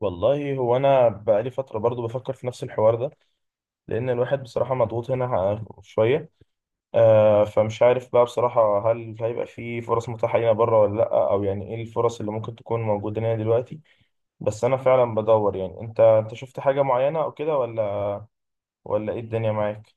والله هو انا بقالي فتره برضو بفكر في نفس الحوار ده، لان الواحد بصراحه مضغوط هنا شويه. فمش عارف بقى بصراحه هل هيبقى في فرص متاحه لنا بره ولا لا، او يعني ايه الفرص اللي ممكن تكون موجوده لنا دلوقتي؟ بس انا فعلا بدور، يعني انت شفت حاجه معينه او كده ولا ايه الدنيا معاك؟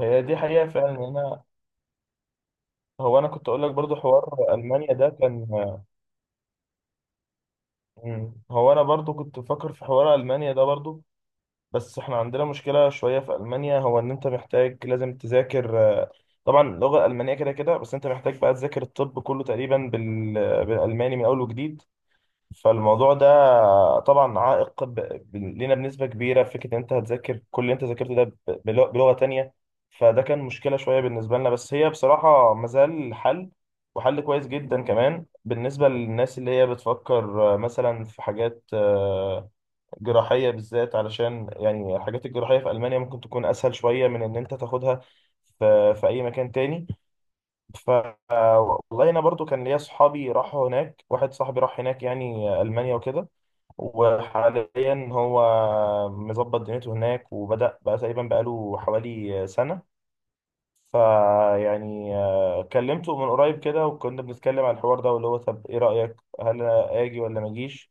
هي دي حقيقه فعلا إن انا، هو انا كنت اقول لك برضو حوار المانيا ده كان، هو انا برضو كنت بفكر في حوار المانيا ده برضو. بس احنا عندنا مشكلة شوية في ألمانيا، هو إن أنت محتاج لازم تذاكر، طبعا اللغة الألمانية كده كده، بس أنت محتاج بقى تذاكر الطب كله تقريبا بالألماني من أول وجديد. فالموضوع ده طبعا عائق لينا بنسبة كبيرة. فكرة إن أنت هتذاكر كل اللي أنت ذاكرته ده بلغة تانية، فده كان مشكلة شوية بالنسبة لنا. بس هي بصراحة مازال حل، وحل كويس جدا كمان بالنسبة للناس اللي هي بتفكر مثلا في حاجات جراحية بالذات، علشان يعني الحاجات الجراحية في ألمانيا ممكن تكون أسهل شوية من إن أنت تاخدها في أي مكان تاني. ف والله أنا برضو كان ليا صحابي راحوا هناك، واحد صاحبي راح هناك يعني ألمانيا وكده، وحاليا هو مظبط دنيته هناك، وبدأ بقى تقريبا بقاله حوالي سنة. فيعني كلمته من قريب كده، وكنا بنتكلم على الحوار ده، واللي هو طب إيه رأيك هل أجي ولا ما أجيش.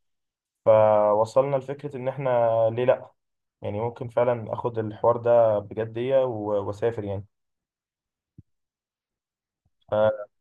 فوصلنا لفكرة إن إحنا ليه لأ، يعني ممكن فعلا اخد الحوار ده بجدية واسافر يعني. فانت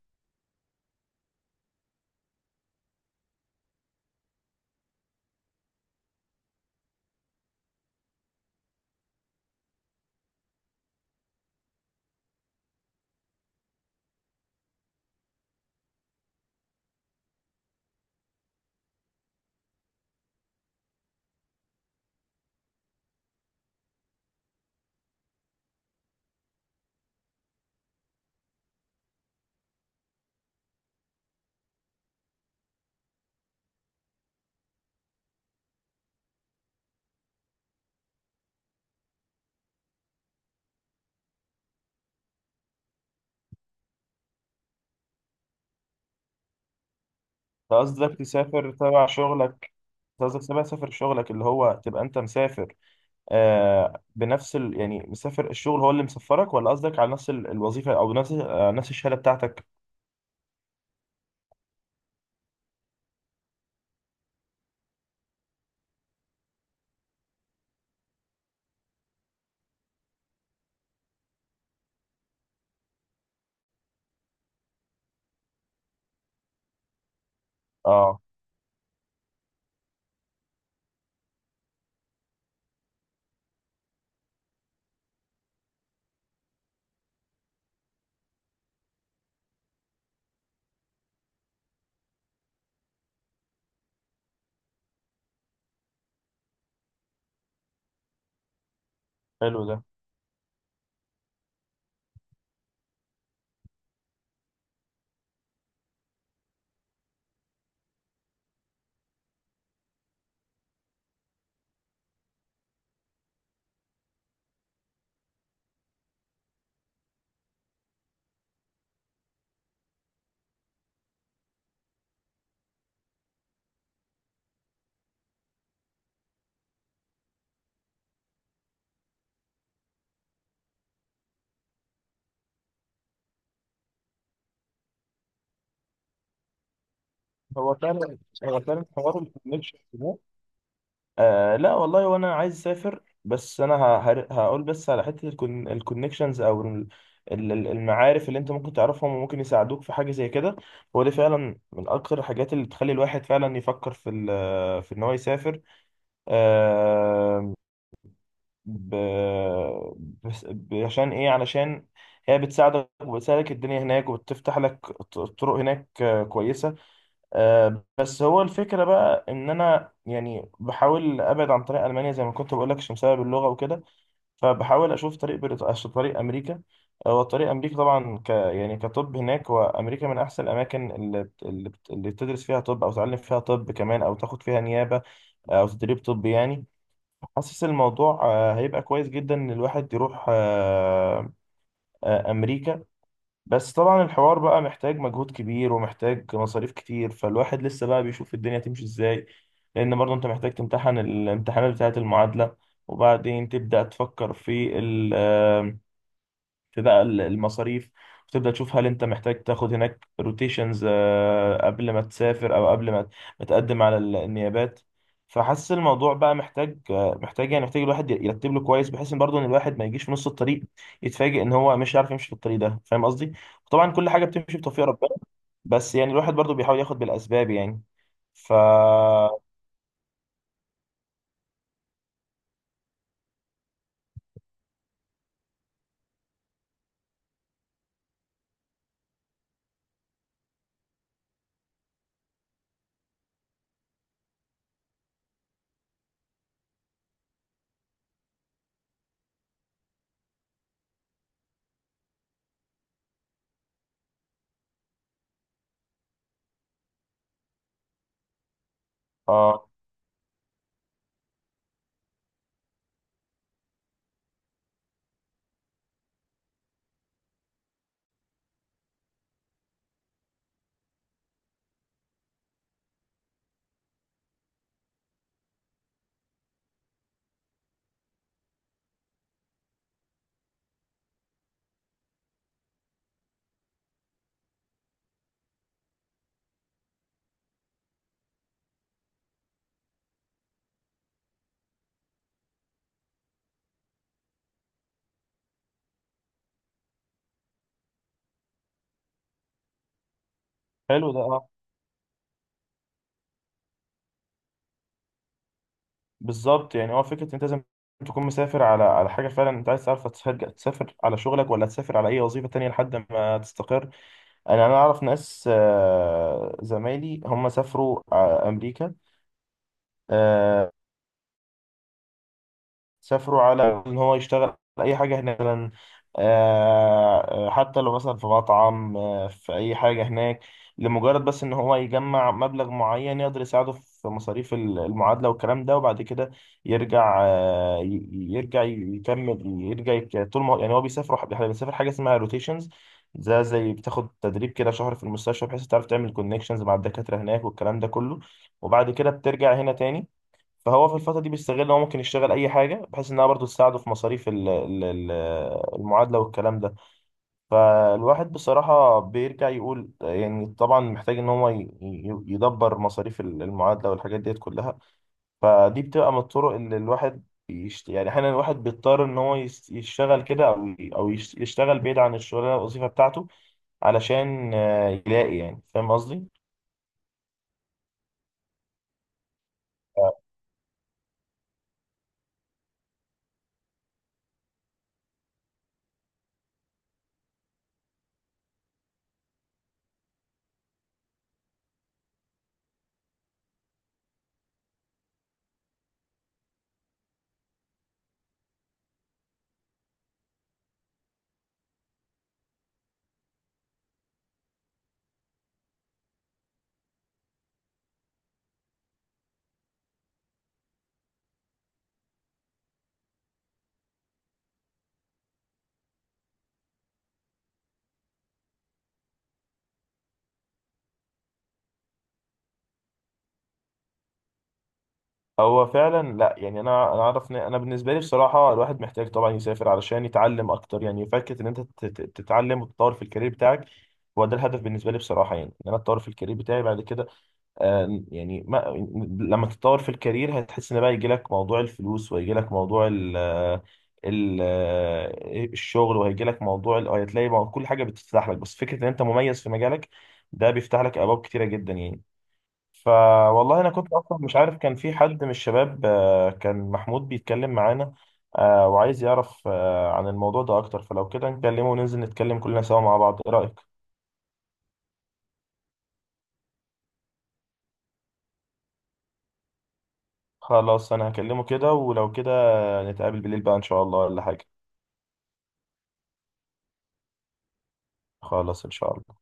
قصدك تسافر تبع شغلك؟ أنت قصدك تبع سافر شغلك، اللي هو تبقى انت مسافر، آه بنفس يعني مسافر الشغل هو اللي مسفرك، ولا قصدك على نفس الوظيفة، او نفس آه نفس الشهادة بتاعتك؟ اه، حلو ده. هو فعلا، هو فعلا حوار الكونكشن ده، آه لا والله وانا عايز اسافر. بس انا هقول بس على حته الكونكشنز او المعارف اللي انت ممكن تعرفهم وممكن يساعدوك في حاجه زي كده. هو دي فعلا من اكتر الحاجات اللي بتخلي الواحد فعلا يفكر في في ان هو يسافر. آه ب... عشان ايه؟ علشان هي بتساعدك، وبتساعدك الدنيا هناك وبتفتح لك طرق هناك كويسه. بس هو الفكرة بقى إن أنا يعني بحاول أبعد عن طريق ألمانيا، زي ما كنت بقول لك، عشان بسبب اللغة وكده. فبحاول أشوف طريق عشان طريق أمريكا. هو طريق أمريكا طبعا ك يعني كطب هناك، وأمريكا من أحسن الأماكن اللي اللي بتدرس فيها طب، أو تعلم فيها طب كمان، أو تاخد فيها نيابة أو تدريب طبي يعني. حاسس الموضوع هيبقى كويس جدا إن الواحد يروح أمريكا. بس طبعا الحوار بقى محتاج مجهود كبير ومحتاج مصاريف كتير، فالواحد لسه بقى بيشوف الدنيا تمشي ازاي. لان برضه انت محتاج تمتحن الامتحانات بتاعة المعادلة، وبعدين تبدأ تفكر في، بقى المصاريف، وتبدأ تشوف هل انت محتاج تاخد هناك روتيشنز قبل ما تسافر، او قبل ما تقدم على النيابات. فحاسس الموضوع بقى محتاج محتاج الواحد يرتب له كويس، بحيث ان برضه ان الواحد ما يجيش في نص الطريق يتفاجئ ان هو مش عارف يمشي في الطريق ده. فاهم قصدي؟ طبعا كل حاجه بتمشي بتوفيق ربنا، بس يعني الواحد برضه بيحاول ياخد بالاسباب يعني. ف اه، حلو ده. بالظبط، يعني هو فكره انت لازم تكون مسافر على على حاجه فعلا، انت عايز تعرف هتسافر، تسافر على شغلك، ولا تسافر على اي وظيفه تانية لحد ما تستقر. انا اعرف ناس زمايلي هم سافروا امريكا، آه، سافروا على ان هو يشتغل اي حاجه هناك مثلا. حتى لو مثلا في مطعم، في اي حاجه هناك، لمجرد بس ان هو يجمع مبلغ معين يقدر يساعده في مصاريف المعادله والكلام ده. وبعد كده يرجع، يرجع يكمل، يرجع يك- طول ما هو- يعني هو بيسافر بيسافر حاجه اسمها روتيشنز. ده زي بتاخد تدريب كده شهر في المستشفى، بحيث تعرف تعمل كونكشنز مع الدكاتره هناك والكلام ده كله، وبعد كده بترجع هنا تاني. فهو في الفترة دي بيستغل إن هو ممكن يشتغل أي حاجة، بحيث إنها برضه تساعده في مصاريف المعادلة والكلام ده. فالواحد بصراحة بيرجع يقول يعني طبعا محتاج إن هو يدبر مصاريف المعادلة والحاجات ديت كلها. فدي بتبقى من الطرق اللي الواحد يعني أحيانا الواحد بيضطر إن هو يشتغل كده، أو يشتغل بعيد عن الشغلانة الوظيفة بتاعته، علشان يلاقي يعني. فاهم قصدي؟ هو فعلا لا، يعني انا اعرف إن انا بالنسبه لي بصراحه الواحد محتاج طبعا يسافر علشان يتعلم اكتر، يعني فكره ان انت تتعلم وتطور في الكارير بتاعك. هو ده الهدف بالنسبه لي بصراحه، يعني ان انا اتطور في الكارير بتاعي بعد كده. آه، يعني ما لما تتطور في الكارير هتحس ان بقى يجي لك موضوع الفلوس، ويجي لك موضوع ال ال الشغل، وهيجي لك موضوع هتلاقي كل حاجه بتفتح لك. بس فكره ان انت مميز في مجالك ده بيفتح لك ابواب كتيره جدا يعني. فوالله انا كنت اصلا مش عارف كان في حد من الشباب، كان محمود بيتكلم معانا، وعايز يعرف عن الموضوع ده اكتر، فلو كده نكلمه وننزل نتكلم كلنا سوا مع بعض، ايه رأيك؟ خلاص انا هكلمه كده، ولو كده نتقابل بالليل بقى ان شاء الله ولا حاجة. خلاص ان شاء الله.